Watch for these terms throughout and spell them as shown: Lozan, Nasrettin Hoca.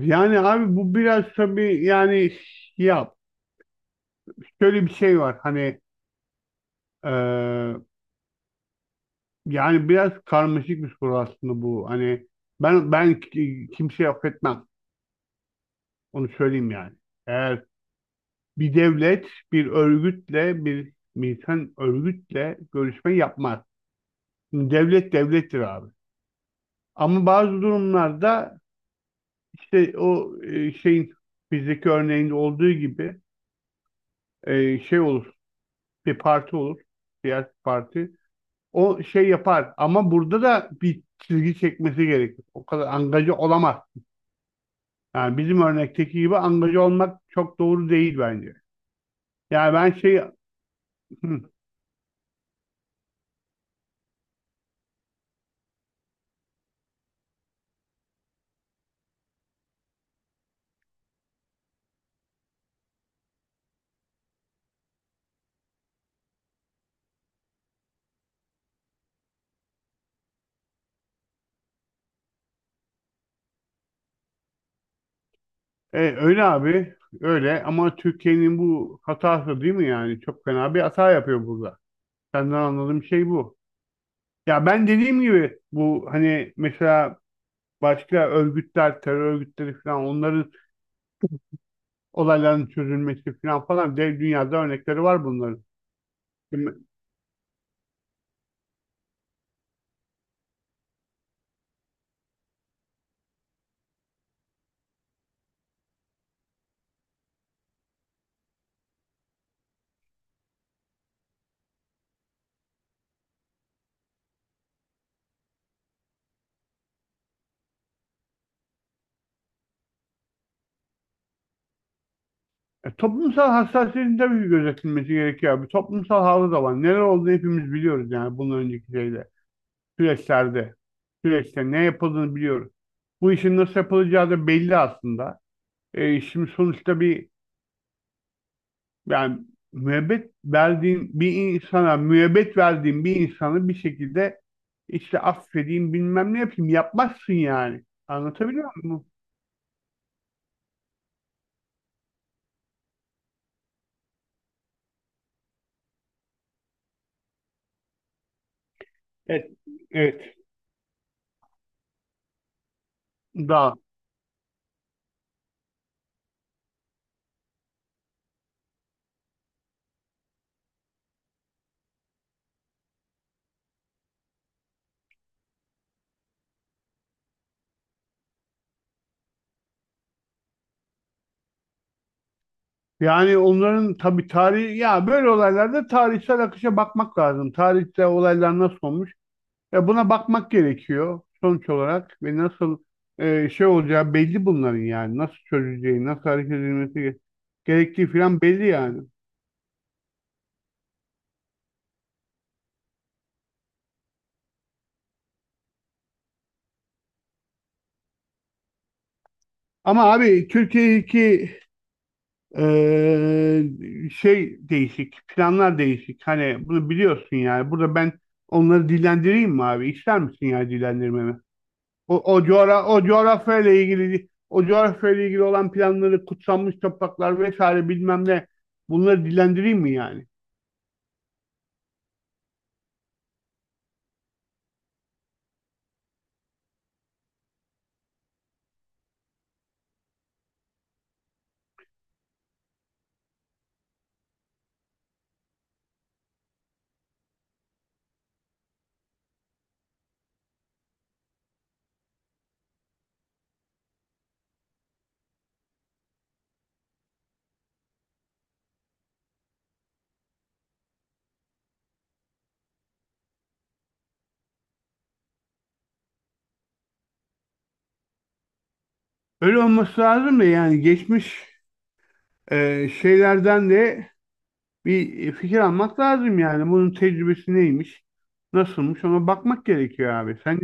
Yani abi bu biraz tabii yani ya şöyle bir şey var hani e, yani biraz karmaşık bir soru aslında bu hani ben kimseyi affetmem, onu söyleyeyim yani. Eğer bir devlet bir örgütle, bir militan örgütle görüşme yapmaz. Şimdi devlet devlettir abi, ama bazı durumlarda işte o şeyin bizdeki örneğinde olduğu gibi şey olur, bir parti olur, siyasi parti o şey yapar, ama burada da bir çizgi çekmesi gerekir. O kadar angaje olamaz. Yani bizim örnekteki gibi angaje olmak çok doğru değil bence. Yani ben şey öyle abi, öyle. Ama Türkiye'nin bu hatası değil mi yani? Çok fena bir hata yapıyor burada. Senden anladığım şey bu. Ya ben dediğim gibi, bu hani mesela başka örgütler, terör örgütleri falan, onların olayların çözülmesi falan falan, dünyada örnekleri var bunların. Toplumsal hassasiyetin tabii ki gözetilmesi gerekiyor. Bir toplumsal halı da var. Neler olduğunu hepimiz biliyoruz yani. Bunun önceki şeyde, süreçlerde, süreçte ne yapıldığını biliyoruz. Bu işin nasıl yapılacağı da belli aslında. Şimdi sonuçta bir, yani müebbet verdiğin bir insana, müebbet verdiğin bir insanı bir şekilde işte affedeyim bilmem ne yapayım, yapmazsın yani. Anlatabiliyor muyum? Evet. Evet. Daha, yani onların tabii tarihi, ya böyle olaylarda tarihsel akışa bakmak lazım. Tarihte olaylar nasıl olmuş? Ya buna bakmak gerekiyor sonuç olarak, ve nasıl şey olacağı belli bunların yani. Nasıl çözüleceği, nasıl hareket edilmesi gerektiği falan belli yani. Ama abi Türkiye'deki şey değişik, planlar değişik. Hani bunu biliyorsun yani. Burada ben onları dillendireyim mi abi? İster misin yani dillendirmemi? O coğrafyayla ilgili, o coğrafyayla ilgili olan planları, kutsanmış topraklar vesaire bilmem ne, bunları dillendireyim mi yani? Öyle olması lazım da yani geçmiş şeylerden de bir fikir almak lazım yani. Bunun tecrübesi neymiş? Nasılmış? Ona bakmak gerekiyor abi. Sen,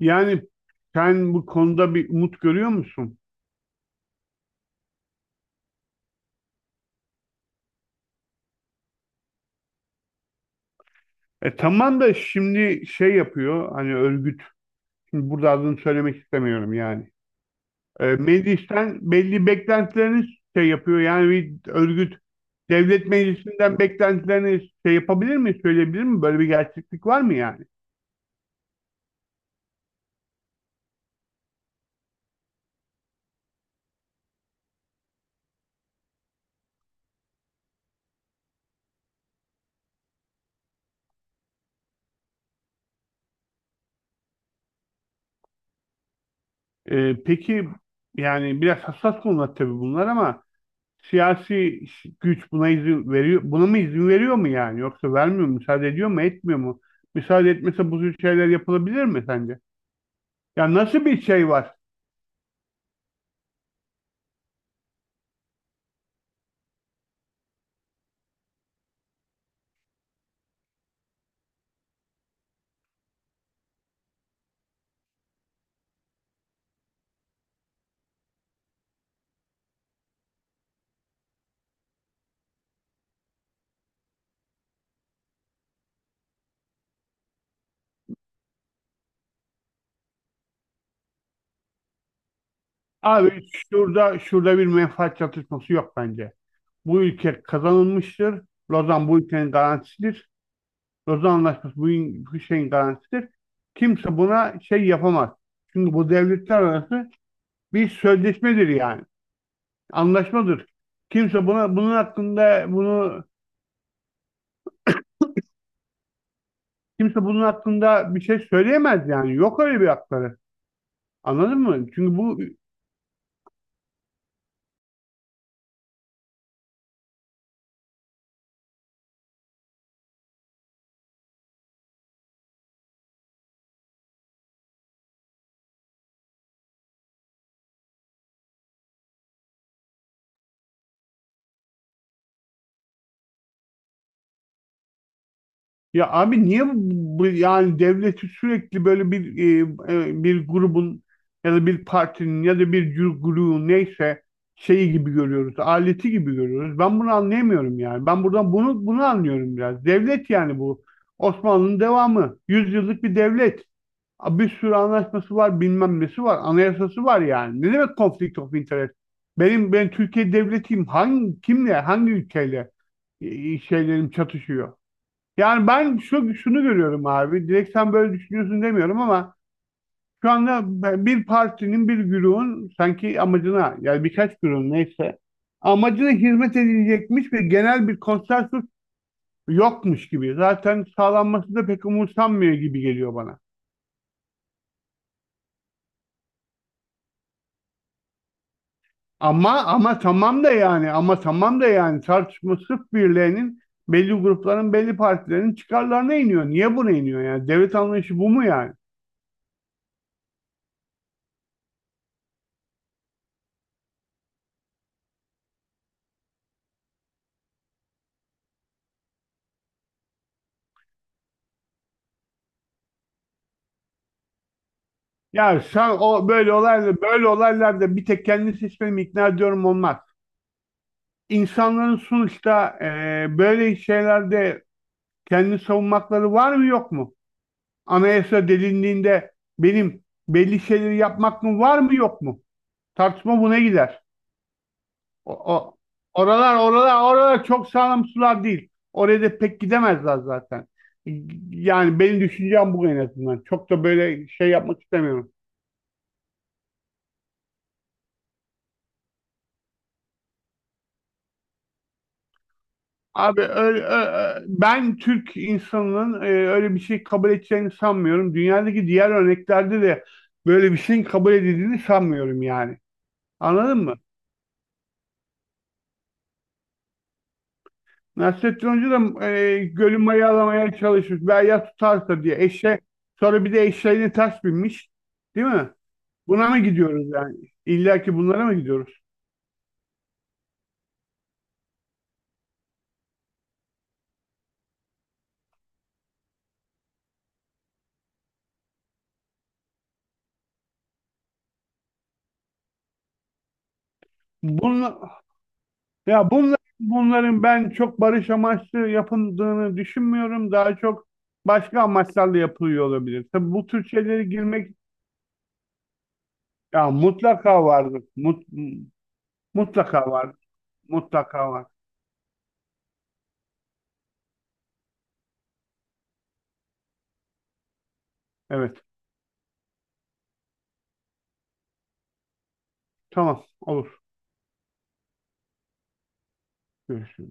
yani sen bu konuda bir umut görüyor musun? E tamam da şimdi şey yapıyor hani örgüt. Şimdi burada adını söylemek istemiyorum yani. Meclisten belli beklentilerini şey yapıyor. Yani bir örgüt devlet meclisinden beklentilerini şey yapabilir mi, söyleyebilir mi? Böyle bir gerçeklik var mı yani? Peki yani biraz hassas konular tabii bunlar, ama siyasi güç buna izin veriyor, buna mı izin veriyor mu yani? Yoksa vermiyor mu, müsaade ediyor mu, etmiyor mu? Müsaade etmese bu tür şeyler yapılabilir mi sence? Ya nasıl bir şey var? Abi şurada bir menfaat çatışması yok bence. Bu ülke kazanılmıştır. Lozan bu ülkenin garantisidir. Lozan Anlaşması bu şeyin garantisidir. Kimse buna şey yapamaz. Çünkü bu devletler arası bir sözleşmedir yani. Anlaşmadır. Kimse buna bunun hakkında bunu Kimse bunun hakkında bir şey söyleyemez yani. Yok öyle bir hakları. Anladın mı? Çünkü bu, ya abi niye bu yani devleti sürekli böyle bir, bir grubun ya da bir partinin ya da bir grubun neyse şeyi gibi görüyoruz, aleti gibi görüyoruz. Ben bunu anlayamıyorum yani. Ben buradan bunu anlıyorum biraz. Devlet yani bu. Osmanlı'nın devamı. Yüzyıllık bir devlet. A, bir sürü anlaşması var, bilmem nesi var, anayasası var yani. Ne demek conflict of interest? Benim, ben Türkiye devletiyim. Hangi kimle, hangi ülkeyle e, şeylerim çatışıyor? Yani ben şu, şunu görüyorum abi. Direkt sen böyle düşünüyorsun demiyorum, ama şu anda bir partinin, bir grubun sanki amacına, yani birkaç grubun neyse amacına hizmet edilecekmiş ve genel bir konsensus yokmuş gibi. Zaten sağlanması da pek umursanmıyor gibi geliyor bana. Ama tamam da yani, tartışma sırf birilerinin, belli grupların, belli partilerin çıkarlarına iniyor. Niye buna iniyor yani? Devlet anlayışı bu mu yani? Ya sen, o böyle olaylar, böyle olaylarda bir tek kendini seçmemi ikna ediyorum olmaz. İnsanların sonuçta böyle şeylerde kendini savunmakları var mı yok mu? Anayasa delindiğinde benim belli şeyleri yapmak mı var mı yok mu? Tartışma buna gider. O, o- Oralar, oralar çok sağlam sular değil. Oraya da pek gidemezler zaten. Yani benim düşüncem bu en azından. Çok da böyle şey yapmak istemiyorum. Abi öyle, ben Türk insanının öyle bir şey kabul edeceğini sanmıyorum. Dünyadaki diğer örneklerde de böyle bir şeyin kabul edildiğini sanmıyorum yani. Anladın mı? Nasrettin Hoca da gölü mayalamaya çalışmış. Ben ya tutarsa diye, eşe sonra bir de eşeğine ters binmiş. Değil mi? Buna mı gidiyoruz yani? İlla ki bunlara mı gidiyoruz? Bunun, ya bunların, bunların ben çok barış amaçlı yapıldığını düşünmüyorum. Daha çok başka amaçlarla yapılıyor olabilir. Tabii bu tür şeylere girmek, ya mutlaka vardır. Mutlaka vardır. Mutlaka var. Evet. Tamam. Olur. Görüşürüz.